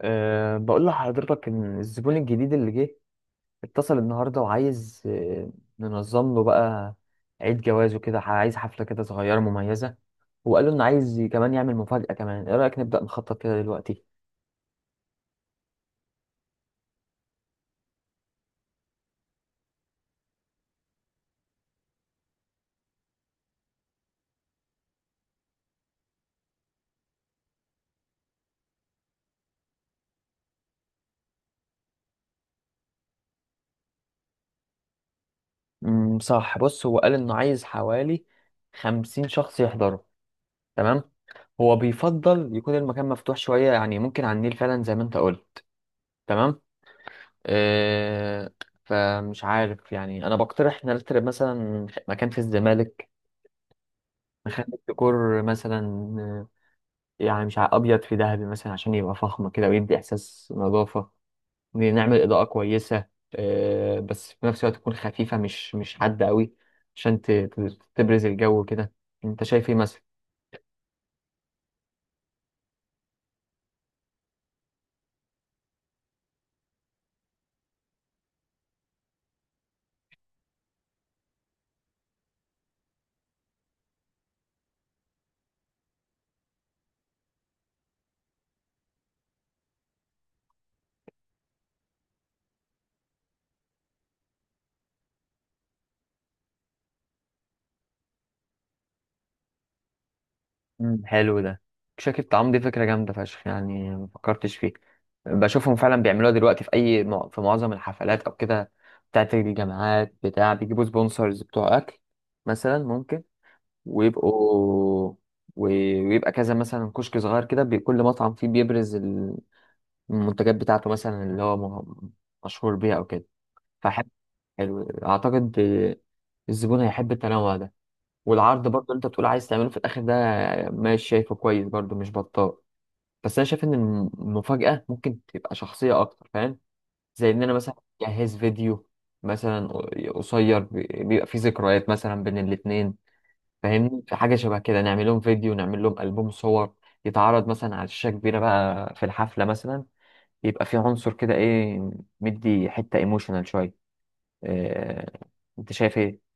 بقول لحضرتك إن الزبون الجديد اللي جه اتصل النهاردة وعايز ننظم له بقى عيد جوازه كده عايز حفلة كده صغيرة مميزة. وقال له إنه عايز كمان يعمل مفاجأة كمان. إيه رأيك نبدأ نخطط كده دلوقتي؟ صح. بص، هو قال إنه عايز حوالي 50 شخص يحضروا. تمام. هو بيفضل يكون المكان مفتوح شوية، يعني ممكن على النيل فعلا زي ما أنت قلت. تمام. أه فمش عارف يعني، أنا بقترح نرتب مثلا مكان في الزمالك. ديكور مثلا. آه، يعني مش ابيض في ذهبي مثلا عشان يبقى فخم كده ويدي احساس نظافه. نعمل اضاءه كويسه. بس في نفس الوقت تكون خفيفه، مش حاده قوي عشان تبرز الجو كده. انت شايف ايه مثلا؟ مم، حلو ده. شاكي الطعام دي فكره جامده فشخ، يعني ما فكرتش فيه. بشوفهم فعلا بيعملوها دلوقتي في اي في معظم الحفلات او كده بتاعت الجامعات، بتاع بيجيبوا سبونسرز بتوع اكل مثلا ممكن ويبقوا ويبقى كذا، مثلا كشك صغير كده كل مطعم فيه بيبرز المنتجات بتاعته مثلا اللي هو م- مشهور بيها او كده فحلو. حلو، اعتقد الزبون هيحب التنوع ده. والعرض برضو اللي انت بتقول عايز تعمله في الاخر ده، ماشي، شايفه كويس برضو، مش بطال. بس انا شايف ان المفاجأة ممكن تبقى شخصية اكتر، فاهم؟ زي ان انا مثلا اجهز فيديو مثلا قصير بيبقى فيه ذكريات مثلا بين الاتنين، فاهمني. في حاجة شبه كده نعمل لهم فيديو، نعمل لهم ألبوم صور يتعرض مثلا على شاشة كبيرة بقى في الحفلة، مثلا يبقى في عنصر كده ايه، مدي حتة ايموشنال شوية. إيه... انت شايف ايه؟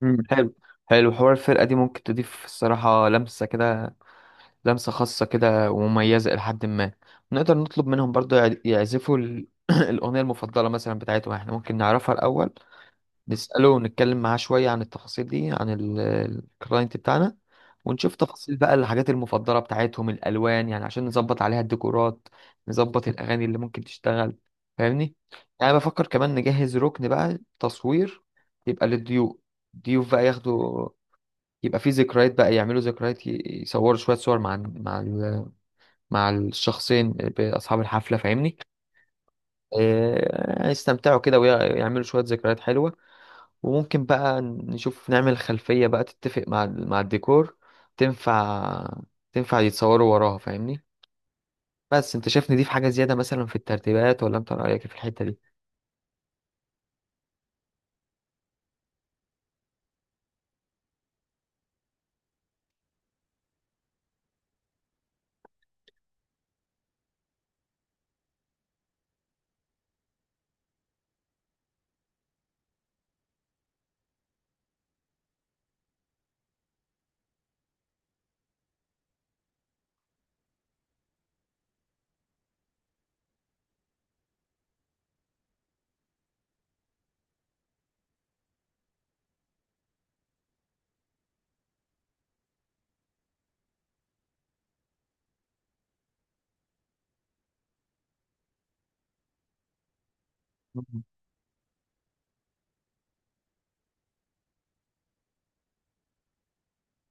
مم. حلو، حلو حوار الفرقة دي ممكن تضيف الصراحة لمسة كده، لمسة خاصة كده ومميزة إلى حد ما. نقدر نطلب منهم برضو يعزفوا الأغنية المفضلة مثلا بتاعتهم، احنا ممكن نعرفها الأول. نسأله ونتكلم معاه شوية عن التفاصيل دي، عن الكلاينت بتاعنا، ونشوف تفاصيل بقى الحاجات المفضلة بتاعتهم، الألوان يعني عشان نظبط عليها الديكورات، نظبط الأغاني اللي ممكن تشتغل. فاهمني؟ يعني أنا بفكر كمان نجهز ركن بقى تصوير يبقى للضيوف. الضيوف بقى ياخدوا، يبقى فيه ذكريات، بقى يعملوا ذكريات، يصوروا شوية صور مع الشخصين بأصحاب الحفلة، فاهمني. يستمتعوا كده ويعملوا شوية ذكريات حلوة. وممكن بقى نشوف نعمل خلفية بقى تتفق مع الديكور، تنفع، تنفع يتصوروا وراها، فاهمني. بس انت شايفني دي في حاجة زيادة مثلا في الترتيبات، ولا انت رأيك إيه في الحتة دي؟ مم.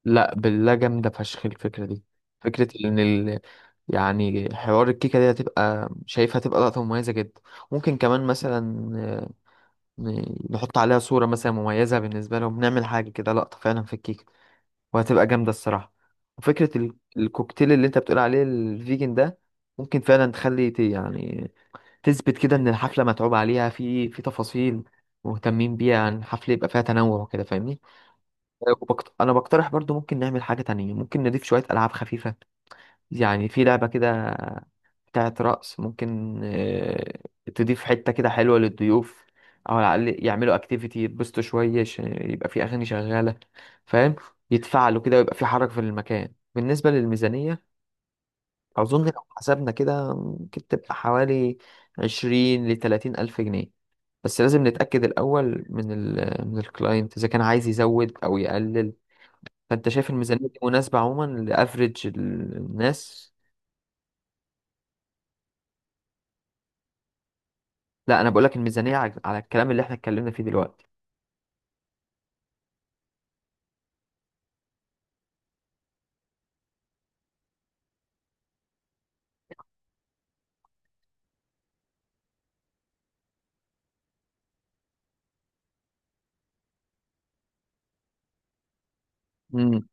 لا بالله، جامدة فشخ الفكرة دي. فكرة ان يعني حوار الكيكة دي، هتبقى شايفها هتبقى لقطة مميزة جدا. ممكن كمان مثلا نحط عليها صورة مثلا مميزة بالنسبة لهم، نعمل حاجة كده لقطة فعلا في الكيكة، وهتبقى جامدة الصراحة. وفكرة الكوكتيل اللي انت بتقول عليه الفيجن ده، ممكن فعلا تخلي يعني تثبت كده ان الحفلة متعوب عليها في تفاصيل مهتمين بيها عن الحفلة، يبقى فيها تنوع وكده، فاهمني. انا بقترح برضو ممكن نعمل حاجة تانية، ممكن نضيف شوية ألعاب خفيفة. يعني في لعبة كده بتاعت رقص ممكن تضيف حتة كده حلوة للضيوف. أو على الأقل يعملوا أكتيفيتي يتبسطوا شوية، يبقى في أغاني شغالة، فاهم؟ يتفعلوا كده ويبقى في حركة في المكان. بالنسبة للميزانية، أظن لو حسبنا كده ممكن تبقى حوالي 20-30 ألف جنيه. بس لازم نتأكد الأول من الكلاينت إذا كان عايز يزود أو يقلل. فأنت شايف الميزانية دي مناسبة عموما لأفريج الناس؟ لا، أنا بقولك الميزانية على الكلام اللي احنا اتكلمنا فيه دلوقتي. امم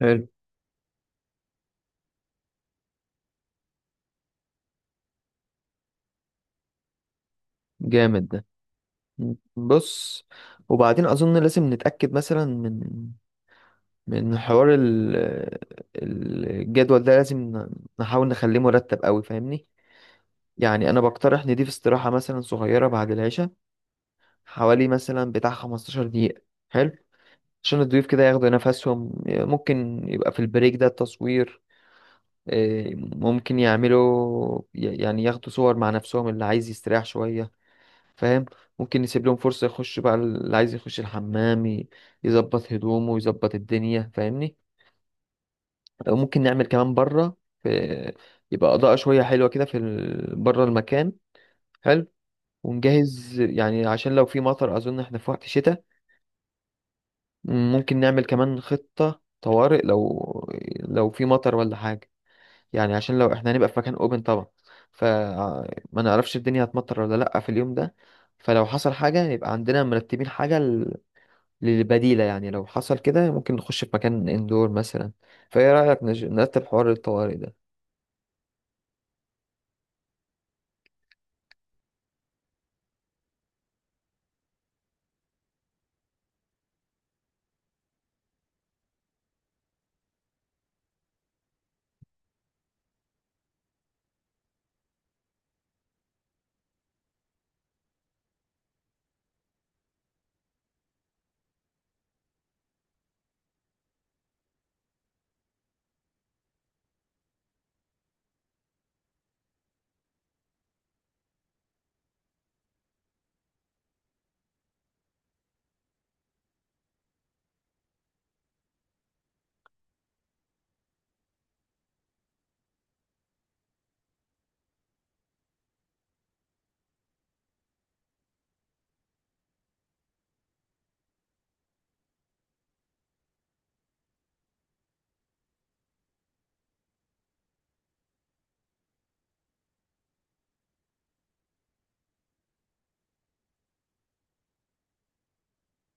حلو، جامد ده. مم. بص، وبعدين اظن لازم نتاكد مثلا من حوار الجدول ده، لازم نحاول نخليه مرتب قوي، فاهمني. يعني انا بقترح نضيف استراحه مثلا صغيره بعد العشاء حوالي مثلا بتاع 15 دقيقه. حلو عشان الضيوف كده ياخدوا نفسهم، ممكن يبقى في البريك ده تصوير. ممكن يعملوا يعني ياخدوا صور مع نفسهم اللي عايز يستريح شويه، فاهم. ممكن نسيب لهم فرصة يخش بقى اللي عايز يخش الحمام، يظبط هدومه يظبط الدنيا، فاهمني. أو ممكن نعمل كمان بره، في يبقى إضاءة شوية حلوة كده في بره المكان. حلو. ونجهز يعني عشان لو في مطر، أظن احنا في وقت شتاء. ممكن نعمل كمان خطة طوارئ، لو في مطر ولا حاجة، يعني عشان لو احنا هنبقى في مكان اوبن طبعا، فما نعرفش الدنيا هتمطر ولا لأ في اليوم ده. فلو حصل حاجة، يبقى عندنا مرتبين حاجة للبديلة، يعني لو حصل كده ممكن نخش في مكان اندور مثلا. فايه رأيك نرتب حوار الطوارئ ده؟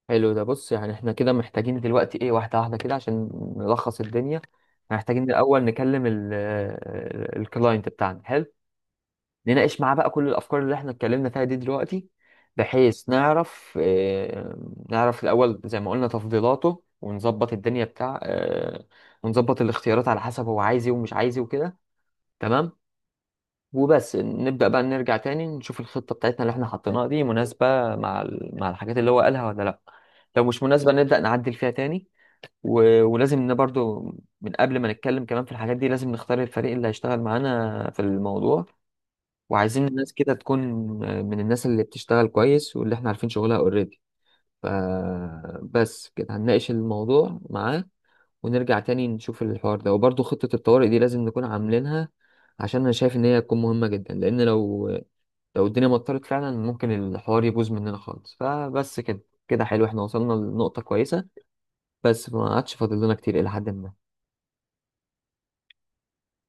حلو ده. بص، يعني احنا كده محتاجين دلوقتي ايه؟ واحدة واحدة كده عشان نلخص الدنيا، محتاجين الأول نكلم الكلاينت بتاعنا. حلو. نناقش معاه بقى كل الأفكار اللي احنا اتكلمنا فيها دي دلوقتي، بحيث نعرف الأول زي ما قلنا تفضيلاته، ونظبط الدنيا بتاع، ونظبط الاختيارات على حسب هو عايز ايه ومش عايز ايه وكده. تمام. وبس نبدأ بقى نرجع تاني نشوف الخطة بتاعتنا اللي احنا حطيناها دي مناسبة مع الحاجات اللي هو قالها ولا لا. لو مش مناسبة نبدأ نعدل فيها تاني. ولازم برضو من قبل ما نتكلم كمان في الحاجات دي، لازم نختار الفريق اللي هيشتغل معانا في الموضوع. وعايزين الناس كده تكون من الناس اللي بتشتغل كويس واللي احنا عارفين شغلها اوريدي. فبس كده هنناقش الموضوع معاه، ونرجع تاني نشوف الحوار ده. وبرضو خطة الطوارئ دي لازم نكون عاملينها، عشان انا شايف ان هي تكون مهمة جدا، لان لو الدنيا مطرت فعلا ممكن الحوار يبوظ مننا خالص. فبس كده، كده حلو، احنا وصلنا لنقطة كويسة، بس ما عادش فاضل لنا كتير إلى حد ما.